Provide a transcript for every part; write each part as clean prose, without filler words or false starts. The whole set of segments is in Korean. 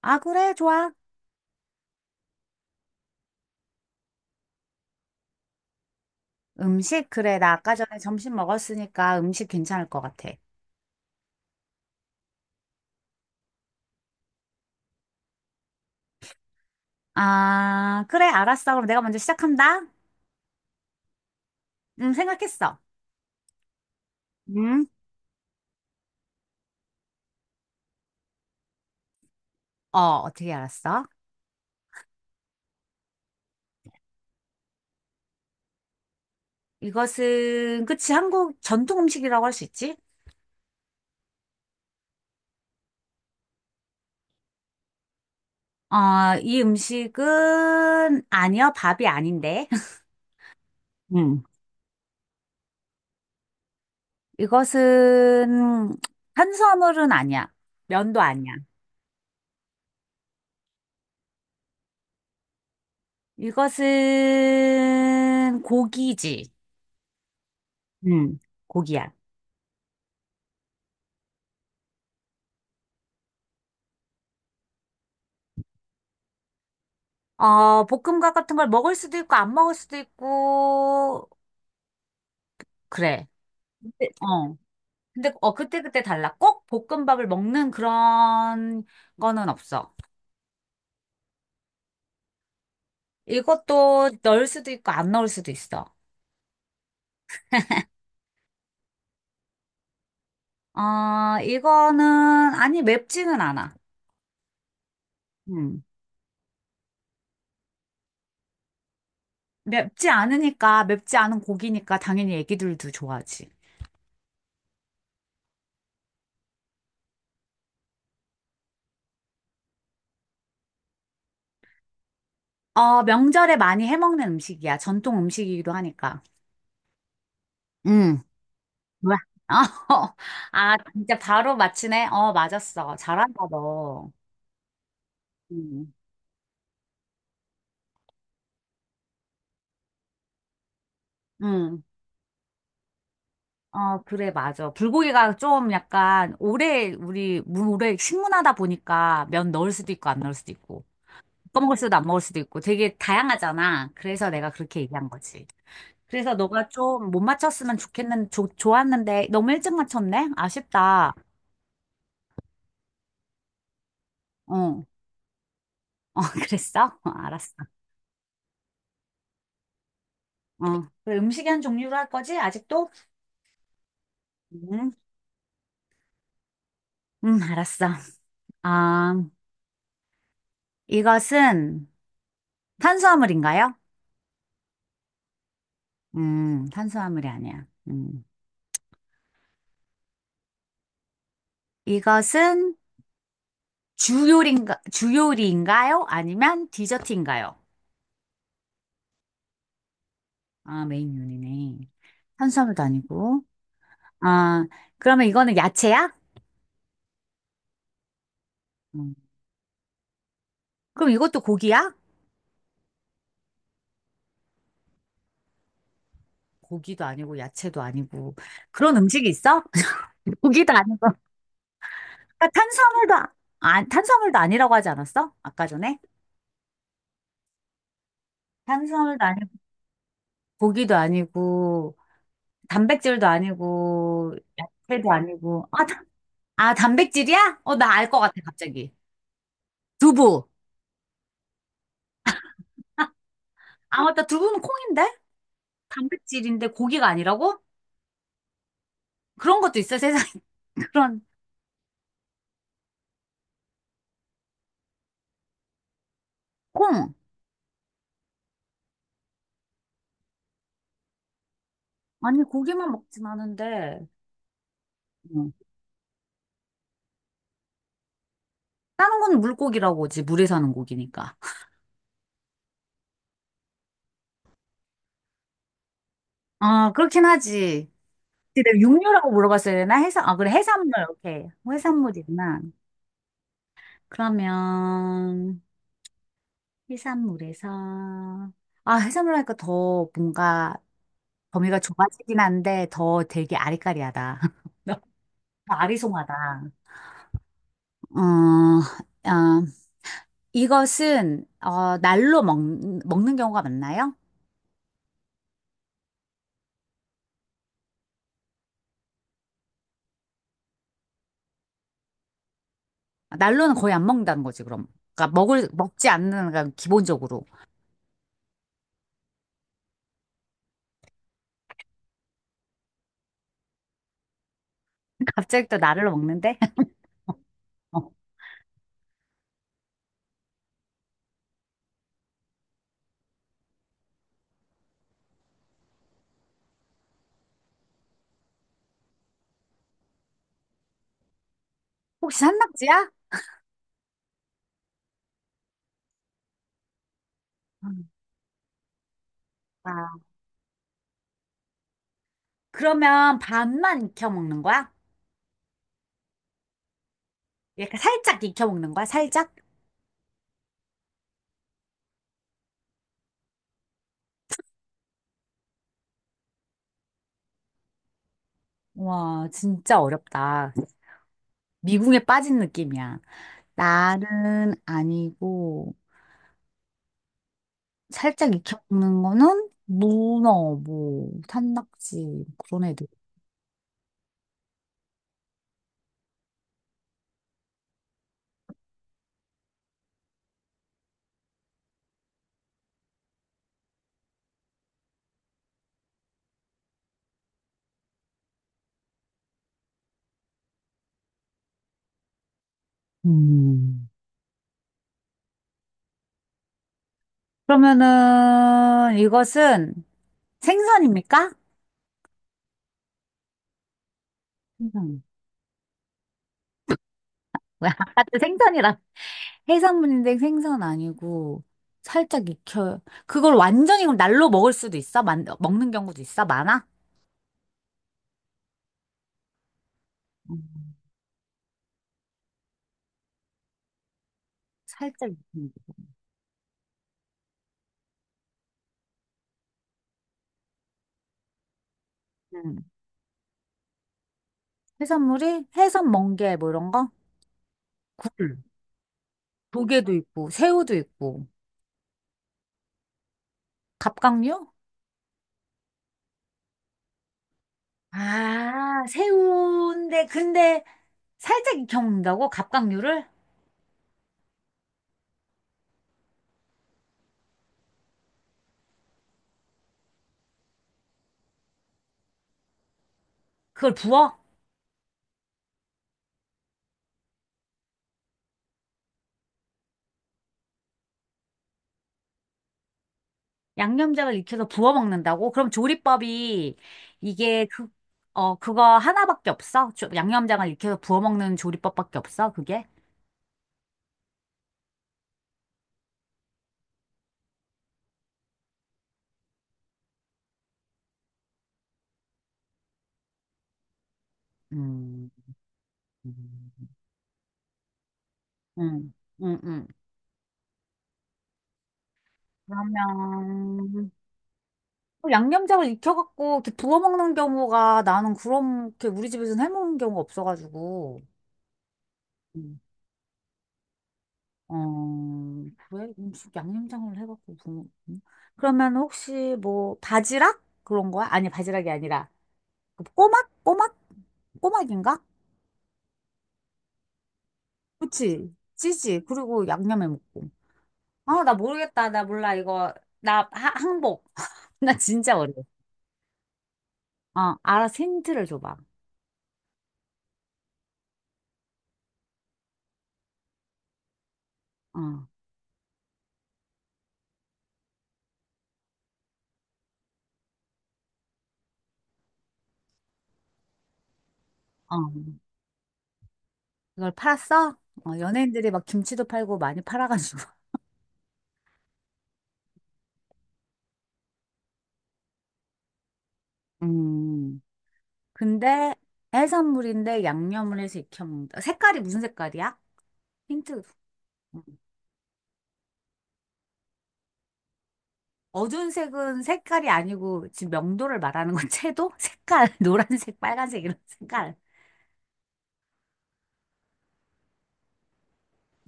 아, 그래, 좋아. 음식, 그래. 나 아까 전에 점심 먹었으니까 음식 괜찮을 것 같아. 아, 그래, 알았어. 그럼 내가 먼저 시작한다. 생각했어. 음? 어, 어떻게 알았어? 이것은, 그치, 한국 전통 음식이라고 할 수 있지? 어, 이 음식은, 아니야, 밥이 아닌데. 음. 이것은, 탄수화물은 아니야. 면도 아니야. 이것은, 고기지. 음, 고기야. 어, 볶음밥 같은 걸 먹을 수도 있고, 안 먹을 수도 있고, 그래. 근데 어. 근데, 그때그때 달라. 꼭 볶음밥을 먹는 그런 거는 없어. 이것도 넣을 수도 있고, 안 넣을 수도 있어. 어, 이거는, 아니, 맵지는 않아. 음. 맵지 않으니까, 맵지 않은 고기니까, 당연히 애기들도 좋아하지. 어, 명절에 많이 해먹는 음식이야. 전통 음식이기도 하니까. 음. 뭐야? 어, 아, 진짜 바로 맞히네? 어, 맞았어. 잘한다, 너. 응. 응. 어, 그래, 맞아. 불고기가 좀 약간 오래, 우리, 물 오래 식문화다 보니까 면 넣을 수도 있고, 안 넣을 수도 있고, 꺼먹을 수도 안 먹을 수도 있고, 되게 다양하잖아. 그래서 내가 그렇게 얘기한 거지. 그래서 너가 좀 못 맞췄으면 좋았는데, 너무 일찍 맞췄네? 아쉽다. 어, 어, 그랬어? 어, 알았어. 어. 그래, 음식이 한 종류로 할 거지? 아직도? 음. 알았어. 아, 이것은 탄수화물인가요? 탄수화물이 아니야. 음. 이것은 주요리인가요? 아니면 디저트인가요? 아, 메인 요리네. 탄수화물도 아니고. 아, 그러면 이거는 야채야? 음. 그럼 이것도 고기야? 고기도 아니고 야채도 아니고 그런 음식이 있어? 고기도 아니고 그러니까 아, 탄수화물도 아니라고 하지 않았어? 아까 전에? 탄수화물도 아니고 고기도 아니고 단백질도 아니고 야채도 아니고 아, 단백질이야? 어, 나 알 것 같아, 갑자기. 두부. 아, 아, 맞다, 두부는 콩인데 단백질인데 고기가 아니라고? 그런 것도 있어, 세상에. 그런 콩. 아니, 고기만 먹진 않은데. 응. 다른 건 물고기라고, 지 물에 사는 고기니까. 아, 그렇긴 하지. 근데 내가 육류라고 물어봤어야 되나? 해산 아, 그래, 해산물. 오케이. 해산물이구나. 그러면 해산물에서, 아, 해산물 하니까 더 뭔가 범위가 좁아지긴 한데 더 되게 아리까리하다. 더 아리송하다. 어, 아, 이것은 날로 먹는 경우가 많나요? 날로는 거의 안 먹는다는 거지, 그럼. 그러니까 먹을 먹지 않는, 그 기본적으로. 갑자기 또 날로 먹는데? 어. 혹시 산낙지야? 음. 아, 그러면 반만 익혀 먹는 거야? 약간 살짝 익혀 먹는 거야? 살짝? 와, 진짜 어렵다. 미궁에 빠진 느낌이야. 날은 아니고 살짝 익혀먹는 거는 문어, 뭐 산낙지 뭐 그런 애들. 음. 그러면은 이것은 생선입니까? 생선. 왜 아까 또 생선이라. 해산물인데 생선 아니고 살짝 익혀. 그걸 완전히 그럼 날로 먹을 수도 있어? 먹는 경우도 있어? 많아? 음, 살짝 익힌 거. 음. 해산물이 해산 멍게 뭐 이런 거? 굴. 조개도 있고, 새우도 있고. 갑각류? 아, 새우인데, 근데 살짝 익혀 먹는다고? 갑각류를? 그걸 부어? 양념장을 익혀서 부어 먹는다고? 그럼 조리법이 이게 그거 하나밖에 없어? 양념장을 익혀서 부어 먹는 조리법밖에 없어? 그게? 음, 음, 음, 음. 그러면, 또 양념장을 익혀갖고 이렇게 부어 먹는 경우가, 나는 그렇게 우리 집에서는 해먹는 경우가 없어가지고. 어, 그래? 음식 양념장을 해갖고 부 음? 그러면 혹시 뭐 바지락? 그런 거야? 아니, 바지락이 아니라 그 꼬막? 꼬막? 꼬막인가? 그치? 찌지. 그리고 양념에 먹고. 아, 나 모르겠다. 나 몰라, 이거. 나 항복. 나 진짜 어려워. 어, 알아서 힌트를 줘봐. 어, 어. 이걸 팔았어? 어, 연예인들이 막 김치도 팔고 많이 팔아가지고. 음. 근데 해산물인데 양념을 해서 익혀 먹는다. 색깔이 무슨 색깔이야? 힌트. 어두운 색은 색깔이 아니고, 지금 명도를 말하는 건, 채도? 색깔. 노란색, 빨간색 이런 색깔.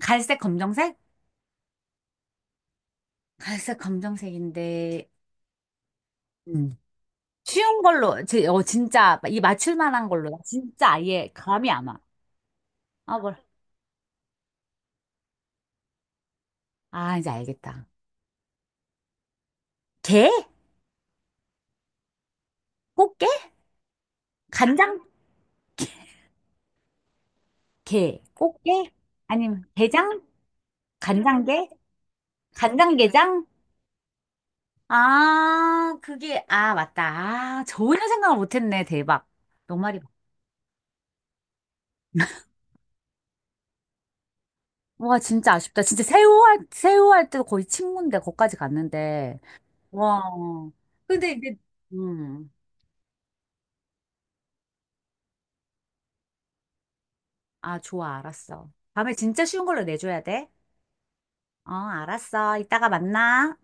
갈색, 검정색? 갈색, 검정색인데. 음. 쉬운 걸로 진짜 이 맞출 만한 걸로. 나 진짜 아예 감이 안 와. 아, 뭘. 아, 이제 알겠다. 게? 꽃게? 간장? 게. 꽃게? 아니면 게장? 간장게? 간장게장? 아, 그게, 아, 맞다. 아, 전혀 생각을 못 했네. 대박. 너 말이. 와, 진짜 아쉽다. 진짜 새우 할 때도 거의 친구인데, 거기까지 갔는데. 와. 근데 이제, 음. 아, 좋아, 알았어. 다음에 진짜 쉬운 걸로 내줘야 돼? 어, 알았어. 이따가 만나.